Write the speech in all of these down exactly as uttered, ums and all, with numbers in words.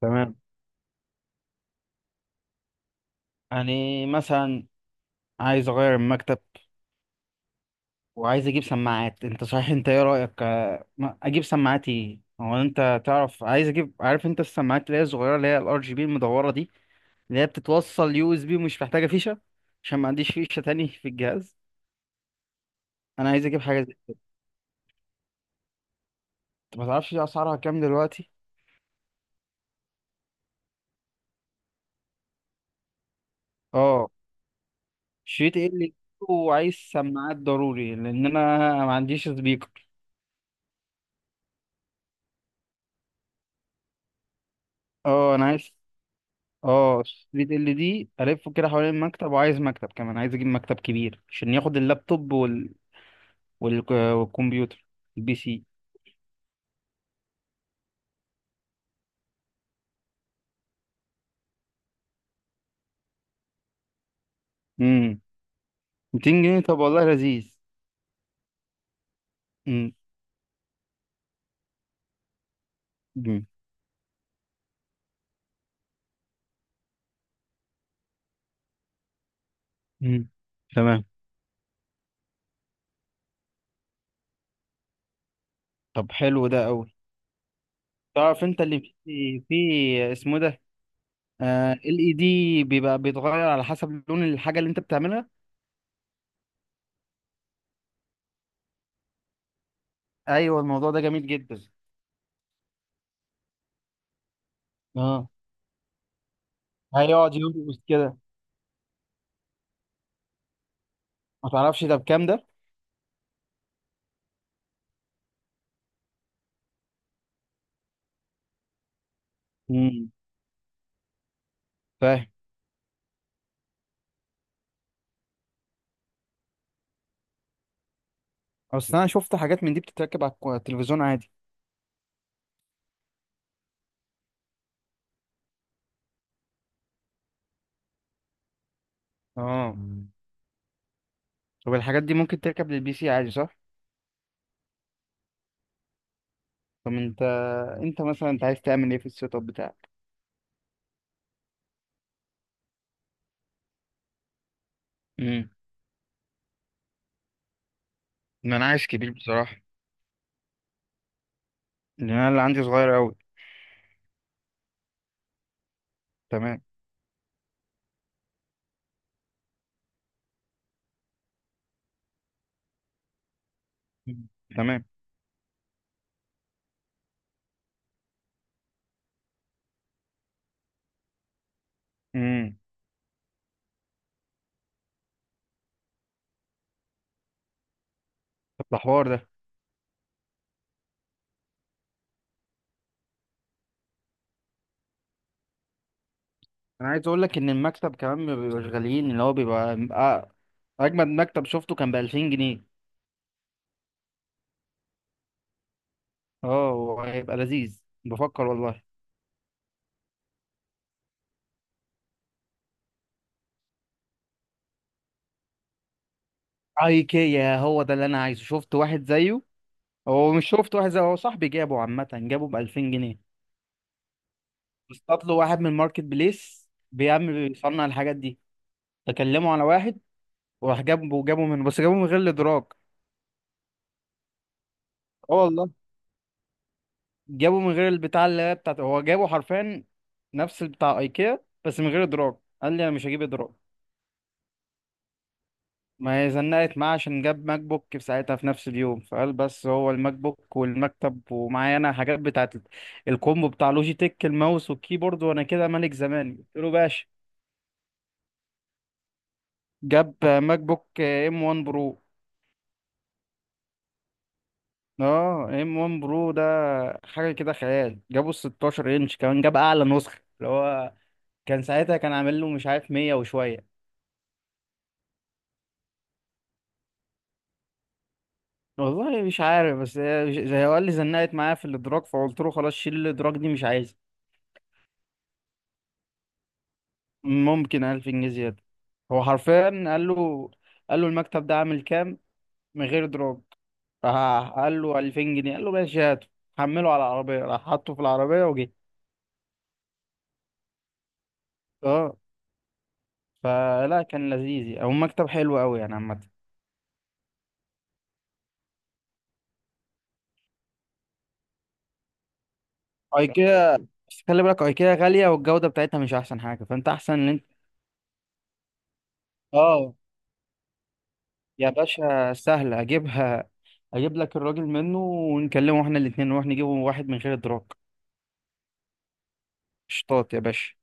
تمام. يعني مثلا، عايز اغير المكتب وعايز اجيب سماعات. انت صحيح، انت ايه رأيك؟ آه، ما- اجيب سماعات ايه؟ هو انت تعرف، عايز اجيب، عارف انت السماعات اللي هي الصغيرة، اللي هي الار جي بي المدورة دي، اللي هي بتتوصل يو اس بي ومش محتاجة فيشة، عشان ما عنديش فيشة تاني في الجهاز. انا عايز اجيب حاجة زي كده. أنت ما تعرفش دي اسعارها كام دلوقتي؟ اه. شريط ايه اللي؟ وعايز سماعات ضروري لان انا ما عنديش سبيكر. اه انا عايز. اه ستريت ال دي الفه كده حوالين المكتب، وعايز مكتب كمان، عايز اجيب مكتب كبير عشان ياخد اللابتوب وال... وال... والكمبيوتر، البي سي. امم. مئتين جنيه؟ طب والله لذيذ. امم. امم. أمم. تمام. طب حلو ده قوي. تعرف انت اللي في في اسمه ده، ال اي دي بيبقى بيتغير على حسب لون الحاجه اللي انت بتعملها. ايوه، الموضوع ده جميل جدا. اه، هيقعد يرقص كده. ما تعرفش ده بكام ده؟ امم، فاهم. اصل انا شفت حاجات من دي بتتركب على الكو- التلفزيون عادي. اه، مم. طب الحاجات دي ممكن تركب للبي سي عادي، صح؟ طب انت، انت مثلا انت عايز تعمل ايه في السيت اب بتاعك؟ امم. ما انا عايز كبير بصراحه، لان انا اللي عندي صغير قوي. تمام. مم. تمام. امم. طب ده حوار ده. انا عايز اقول لك ان المكتب كمان ما بيبقاش غاليين، اللي هو بيبقى أ- اجمد مكتب شفته كان ب ألفين جنيه. اه وهيبقى لذيذ، بفكر والله. ايكيا، هو ده اللي انا عايزه، شفت واحد زيه. هو مش شفت واحد زي، هو صاحبي جابه عامة، جابه ب ألفين جنيه. اصطاد له واحد من الماركت بليس بيعمل، بيصنع الحاجات دي. تكلموا على واحد، وراح جابه، جابه من، بس جابه من غير الادراج. اه والله، جابه من غير البتاع اللي هي بتاعته، هو جابه حرفيا نفس بتاع ايكيا بس من غير ادراج. قال لي انا مش هجيب ادراج. ما هي زنقت معاه عشان جاب ماك بوك في ساعتها في نفس اليوم، فقال بس هو الماك بوك والمكتب، ومعايا انا حاجات بتاعت الكومبو بتاع لوجيتك، الماوس والكيبورد، وانا كده ملك زماني قلت له باشا. جاب ماك بوك ام ون برو. اه ام واحد برو ده حاجه كده خيال. جابه ال ستة عشر انش كمان، جاب اعلى نسخه اللي هو كان ساعتها كان عامل له مش عارف مية وشويه. والله مش عارف، بس هي- زي هو قال لي زنقت معايا في الادراك، فقلت له خلاص شيل الادراك دي مش عايزها. ممكن ألف جنيه زياده. هو حرفيا قال له، قال له المكتب ده عامل كام من غير ادراك؟ راح قال له ألفين جنيه، قال له ماشي هاته. حمله على العربيه، راح حطه في العربيه وجه. اه. فلا كان لذيذ، او مكتب حلو قوي يعني، عامه كان. ايكيا بس خلي بالك ايكيا غاليه، والجوده بتاعتها مش احسن حاجه، فانت احسن ان انت. اه يا باشا، سهله اجيبها، اجيب لك الراجل منه ونكلمه احنا الاثنين نروح نجيبه واحد من غير ادراك. شطاط يا باشا.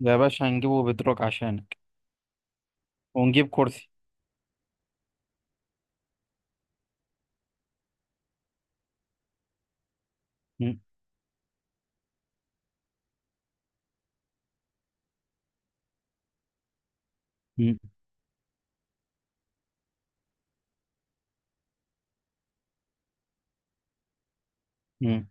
يا باشا هنجيبه بادراك عشانك. ونجيب كرسي. م- م- م-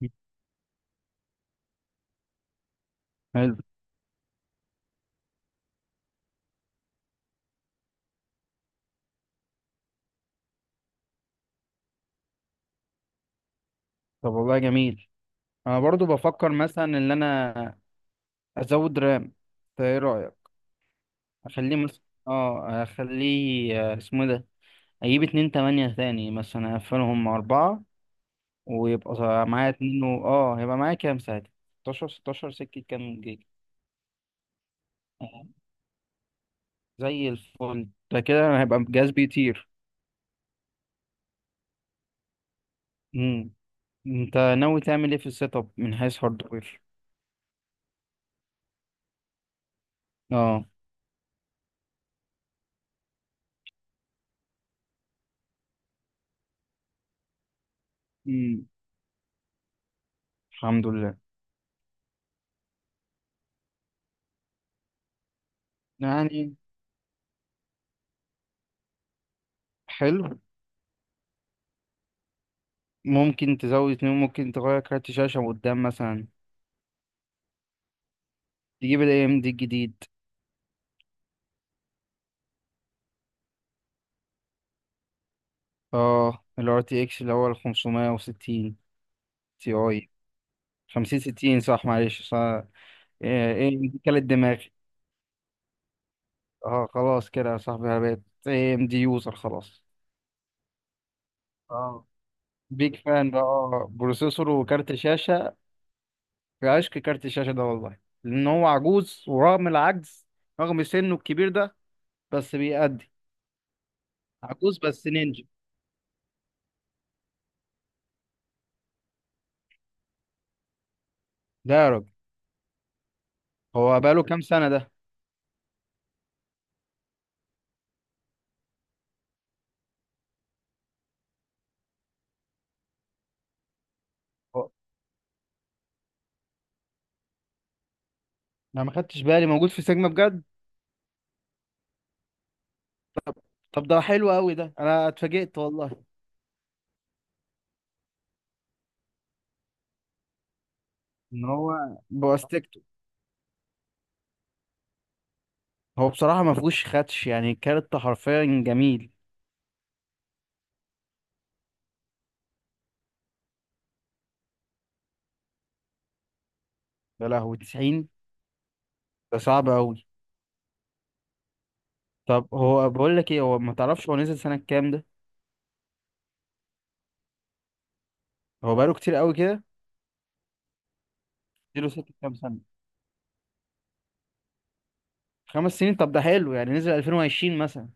م. حلو. طب والله جميل. انا برضو بفكر مثلا ان انا ازود رام، انت ايه رايك؟ اخليه مثلا، اه اخليه، آه، اسمه إيه ده، اجيب اتنين تمانية تاني مثلا اقفلهم مع اربعة، ويبقى ص- معايا اتنين، و... اه هيبقى معايا كام ساعتها؟ ستاشر ستاشر سكة كام جيجا؟ آه، زي الفل، ده كده هيبقى جهاز بيطير. مم. انت ناوي تعمل ايه في السيت اب من حيث هاردوير؟ اه، مم. الحمد لله. يعني حلو. ممكن تزود اتنين، ممكن تغير كارت شاشة من قدام مثلا، تجيب الاي ام دي الجديد. اه، ال آر تي اكس اللي هو ال خمسميه وستين تي اي. خمسين ستين، صح، معلش صح. ايه، إيه دي كانت دماغي. اه خلاص كده يا صاحبي، انا بقيت اي ام دي يوزر خلاص. اه بيج فان بقى آه، بروسيسور وكارت شاشة. في عشق كارت الشاشة ده والله. لأن هو عجوز، ورغم العجز، رغم سنه الكبير ده، بس بيأدي. عجوز بس نينجا. ده يا راجل، هو بقاله كام سنة ده؟ هو- أنا ما خدتش بالي موجود في سيجما بجد. طب ده حلو قوي ده، أنا اتفاجئت والله. إن هو بوستكته. هو بصراحة ما فيهوش خدش، يعني الكارت حرفيا جميل. يا لهوي تسعين! ده صعب قوي. طب هو بقول لك ايه، هو ما تعرفش هو نزل سنة كام ده؟ هو بقاله كتير قوي كده. اديله سكة كام سنة. خمس سنين، طب ده حلو، يعني نزل ألفين وعشرين مثلا.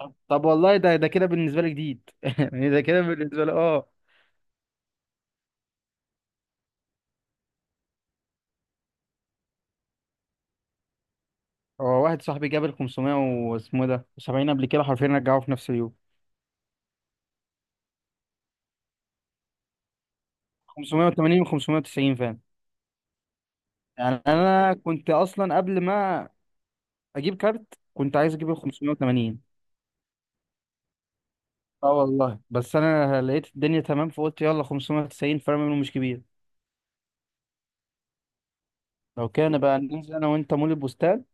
طب طب والله ده ده كده بالنسبة لي جديد. يعني ده كده بالنسبة لي، اه. هو واحد صاحبي جاب ال خمسميه واسمه إيه ده سبعين قبل كده، حرفيا رجعوه في نفس اليوم. خمسة تمانين و خمسة تسعين فعلا. يعني انا كنت اصلا قبل ما اجيب كارت كنت عايز اجيب ال خمسة تمانين. اه والله، بس انا لقيت الدنيا تمام فقلت يلا خمسة تسعين، فرق منه مش كبير. لو كان بقى ننزل انا وانت مول البستان،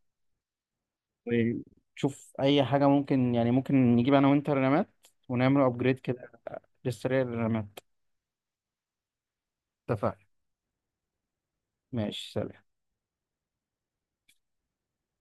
ونشوف اي حاجه ممكن، يعني ممكن نجيب انا وانت رمات ونعمل ابجريد كده، للسريع للرمات. اتفقنا، ماشي، سلام.